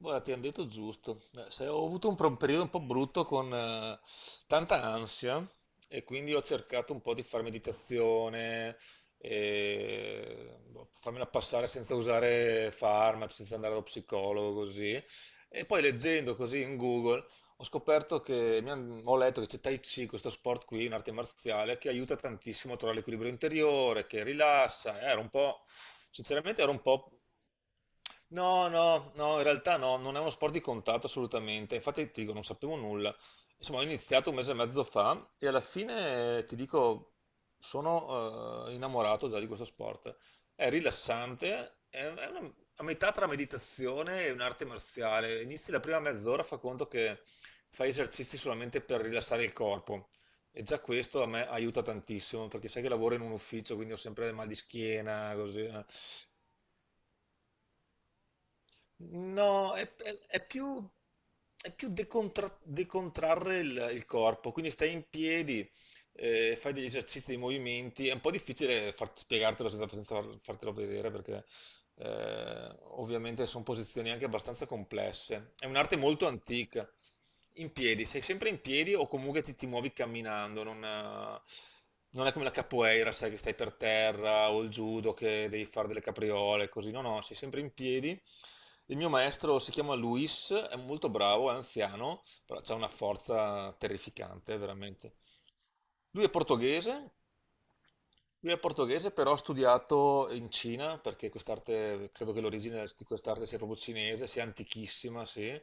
Guarda, ti hanno detto giusto. Se ho avuto un periodo un po' brutto con tanta ansia e quindi ho cercato un po' di fare meditazione, e, boh, farmela passare senza usare farmaci, senza andare allo psicologo, così. E poi leggendo così in Google ho scoperto che ho letto che c'è Tai Chi, questo sport qui, un'arte marziale, che aiuta tantissimo a trovare l'equilibrio interiore, che rilassa. Ero un po' Sinceramente ero un po'. No, no, no, in realtà no, non è uno sport di contatto assolutamente, infatti ti dico, non sapevo nulla. Insomma, ho iniziato un mese e mezzo fa e alla fine ti dico, sono innamorato già di questo sport. È rilassante, è a metà tra meditazione e un'arte marziale. Inizi la prima mezz'ora, fa conto che fai esercizi solamente per rilassare il corpo. E già questo a me aiuta tantissimo, perché sai che lavoro in un ufficio, quindi ho sempre mal di schiena, così. No, è più decontrarre il corpo, quindi stai in piedi, fai degli esercizi, dei movimenti, è un po' difficile spiegartelo senza fartelo vedere, perché ovviamente sono posizioni anche abbastanza complesse. È un'arte molto antica. In piedi, sei sempre in piedi o comunque ti muovi camminando, non è come la capoeira, sai che stai per terra o il judo che devi fare delle capriole, così. No, no, sei sempre in piedi. Il mio maestro si chiama Luis, è molto bravo, è anziano, però ha una forza terrificante, veramente. Lui è portoghese, lui è portoghese, però ha studiato in Cina, perché quest'arte, credo che l'origine di quest'arte sia proprio cinese, sia antichissima, sì,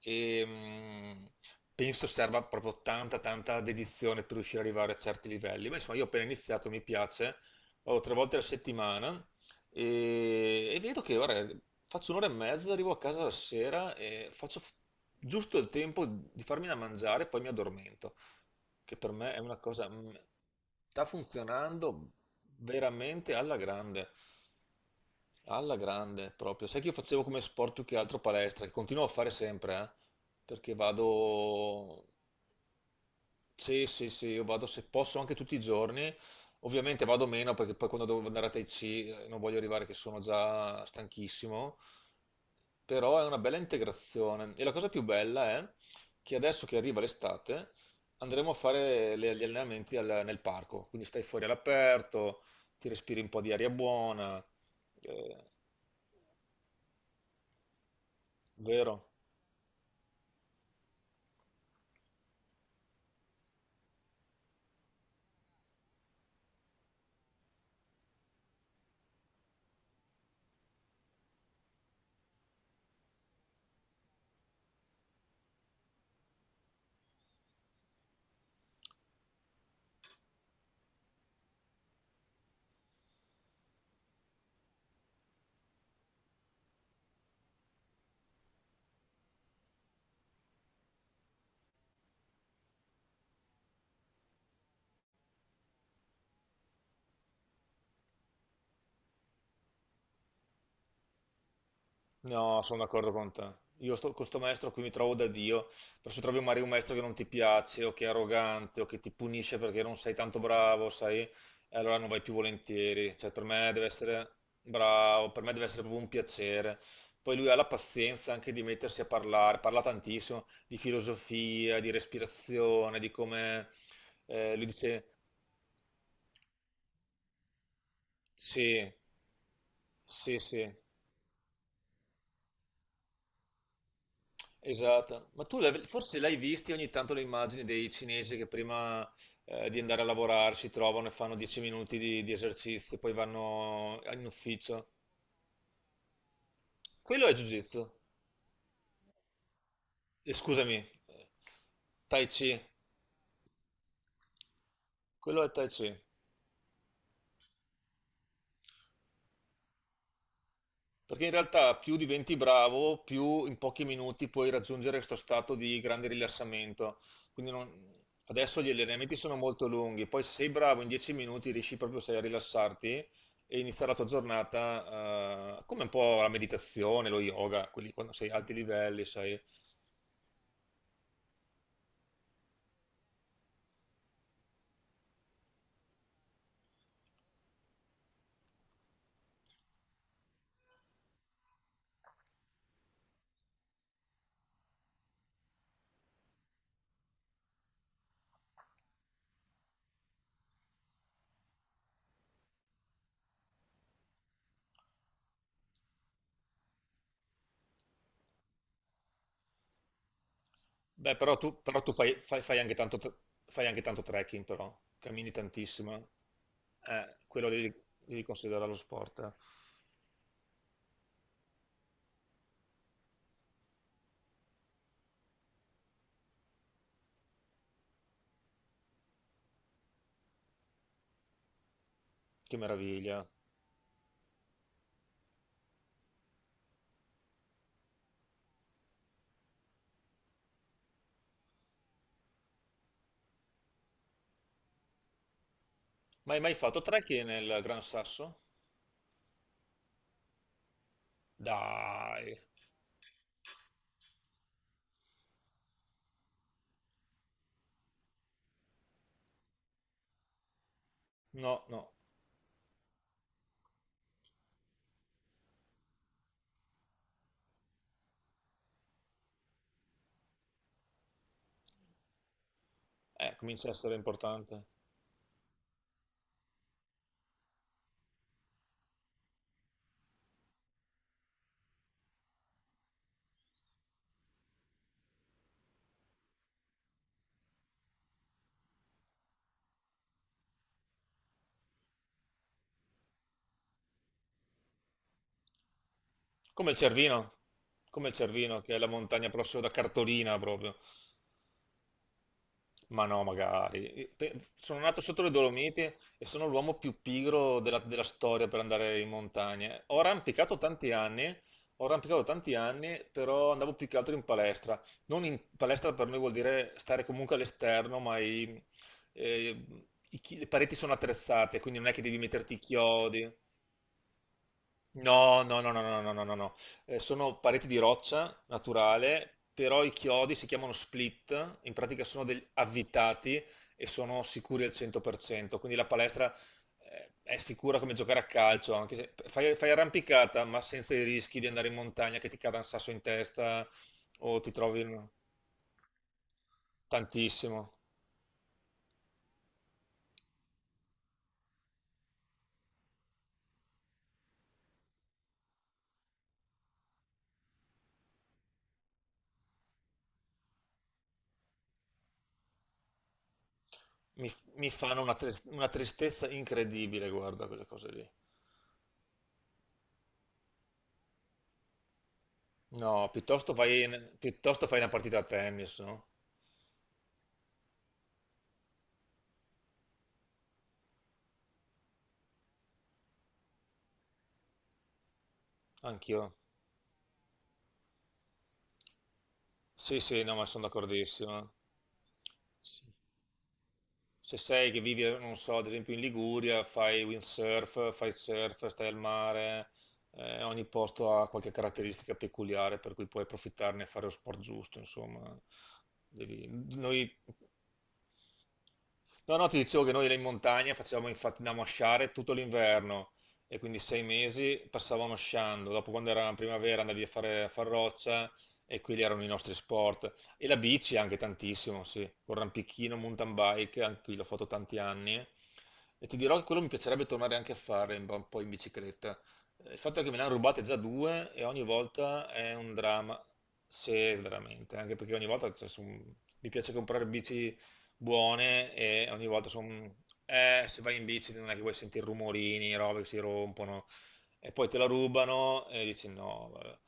e penso serva proprio tanta dedizione per riuscire ad arrivare a certi livelli. Ma insomma, io ho appena iniziato, mi piace, vado tre volte alla settimana e vedo che, guarda, faccio un'ora e mezza, arrivo a casa la sera e faccio giusto il tempo di farmi da mangiare e poi mi addormento. Che per me è una cosa. Sta funzionando veramente alla grande proprio. Sai che io facevo come sport più che altro palestra, che continuo a fare sempre, perché vado. Sì, sì, sì, io vado se posso anche tutti i giorni. Ovviamente vado meno perché poi quando devo andare a Tai Chi non voglio arrivare che sono già stanchissimo, però è una bella integrazione. E la cosa più bella è che adesso che arriva l'estate andremo a fare gli allenamenti nel parco, quindi stai fuori all'aperto, ti respiri un po' di aria buona, eh, vero? No, sono d'accordo con te. Con questo maestro qui mi trovo da Dio, però se trovi magari un maestro che non ti piace o che è arrogante o che ti punisce perché non sei tanto bravo, sai, e allora non vai più volentieri. Cioè, per me deve essere bravo, per me deve essere proprio un piacere. Poi lui ha la pazienza anche di mettersi a parlare, parla tantissimo di filosofia, di respirazione, di come lui dice sì, sì, sì. Esatto, ma tu forse l'hai visti ogni tanto le immagini dei cinesi che prima di andare a lavorare si trovano e fanno 10 minuti di esercizio, poi vanno in ufficio. Quello è Jiu-Jitsu. Scusami. eh, Tai Chi, quello è Tai Chi. Perché in realtà più diventi bravo, più in pochi minuti puoi raggiungere questo stato di grande rilassamento. Quindi adesso gli allenamenti sono molto lunghi, poi se sei bravo in 10 minuti riesci proprio sai, a rilassarti e iniziare la tua giornata come un po' la meditazione, lo yoga, quelli quando sei a alti livelli, sai. Beh, però tu fai anche tanto trekking, però, cammini tantissimo. Quello devi considerare lo sport. Che meraviglia. Ma hai mai fatto trekking nel Gran Sasso? Dai, no, no, comincia a essere importante. Come il Cervino, come il Cervino, che è la montagna prossima da Cartolina proprio. Ma no, magari. Sono nato sotto le Dolomiti e sono l'uomo più pigro della, della storia per andare in montagna. Ho arrampicato tanti anni, però andavo più che altro in palestra. Non in palestra per noi vuol dire stare comunque all'esterno, ma eh, le pareti sono attrezzate, quindi non è che devi metterti i chiodi. No, no, no, no, no, no, no, no, no. Sono pareti di roccia naturale, però i chiodi si chiamano split, in pratica sono degli avvitati e sono sicuri al 100%, quindi la palestra è sicura come giocare a calcio, anche se fai, fai arrampicata, ma senza i rischi di andare in montagna che ti cada un sasso in testa o ti trovi in- tantissimo. Mi fanno una tristezza incredibile, guarda quelle cose lì. No, piuttosto fai una partita a tennis, no? Anch'io. Sì, sì, no, ma sono d'accordissimo. Sì. Se sei che vivi, non so, ad esempio in Liguria, fai windsurf, fai surf, stai al mare, ogni posto ha qualche caratteristica peculiare per cui puoi approfittarne e fare lo sport giusto, insomma. Devi- Noi No, no, ti dicevo che noi là in montagna facevamo infatti andavamo a sciare tutto l'inverno e quindi 6 mesi passavamo sciando. Dopo, quando era primavera, andavi a fare a far roccia e quelli erano i nostri sport. E la bici anche tantissimo, sì, con rampichino, mountain bike, anche qui l'ho fatto tanti anni. E ti dirò che quello mi piacerebbe tornare anche a fare un po' in bicicletta. Il fatto è che me ne hanno rubate già due e ogni volta è un dramma. Sì, veramente, anche perché ogni volta cioè, mi piace comprare bici buone e ogni volta sono. Se vai in bici non è che vuoi sentire rumorini, robe che si rompono e poi te la rubano e dici no, vabbè,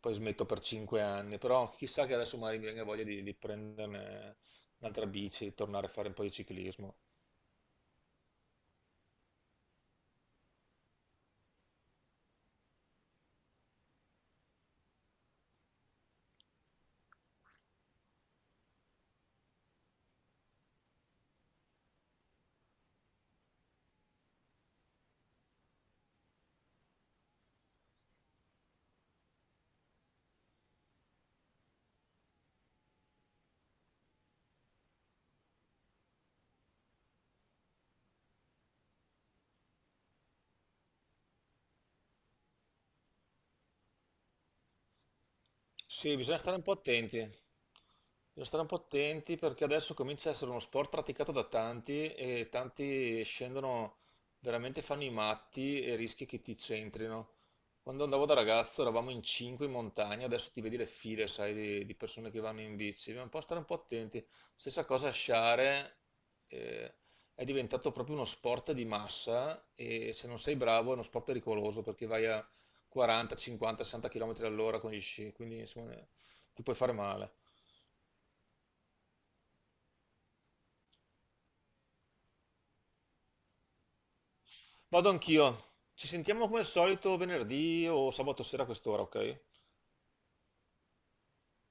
poi smetto per 5 anni, però chissà che adesso magari mi venga voglia di prenderne un'altra bici, tornare a fare un po' di ciclismo. Sì, bisogna stare un po' attenti. Bisogna stare un po' attenti perché adesso comincia a essere uno sport praticato da tanti e tanti scendono, veramente fanno i matti e rischi che ti centrino. Quando andavo da ragazzo eravamo in cinque in montagna, adesso ti vedi le file, sai, di persone che vanno in bici. Bisogna un po' stare un po' attenti. Stessa cosa a sciare, eh, è diventato proprio uno sport di massa e se non sei bravo è uno sport pericoloso perché vai a 40, 50, 60 km all'ora con gli sci, quindi insomma ti puoi fare male. Vado anch'io. Ci sentiamo come al solito venerdì o sabato sera a quest'ora, ok?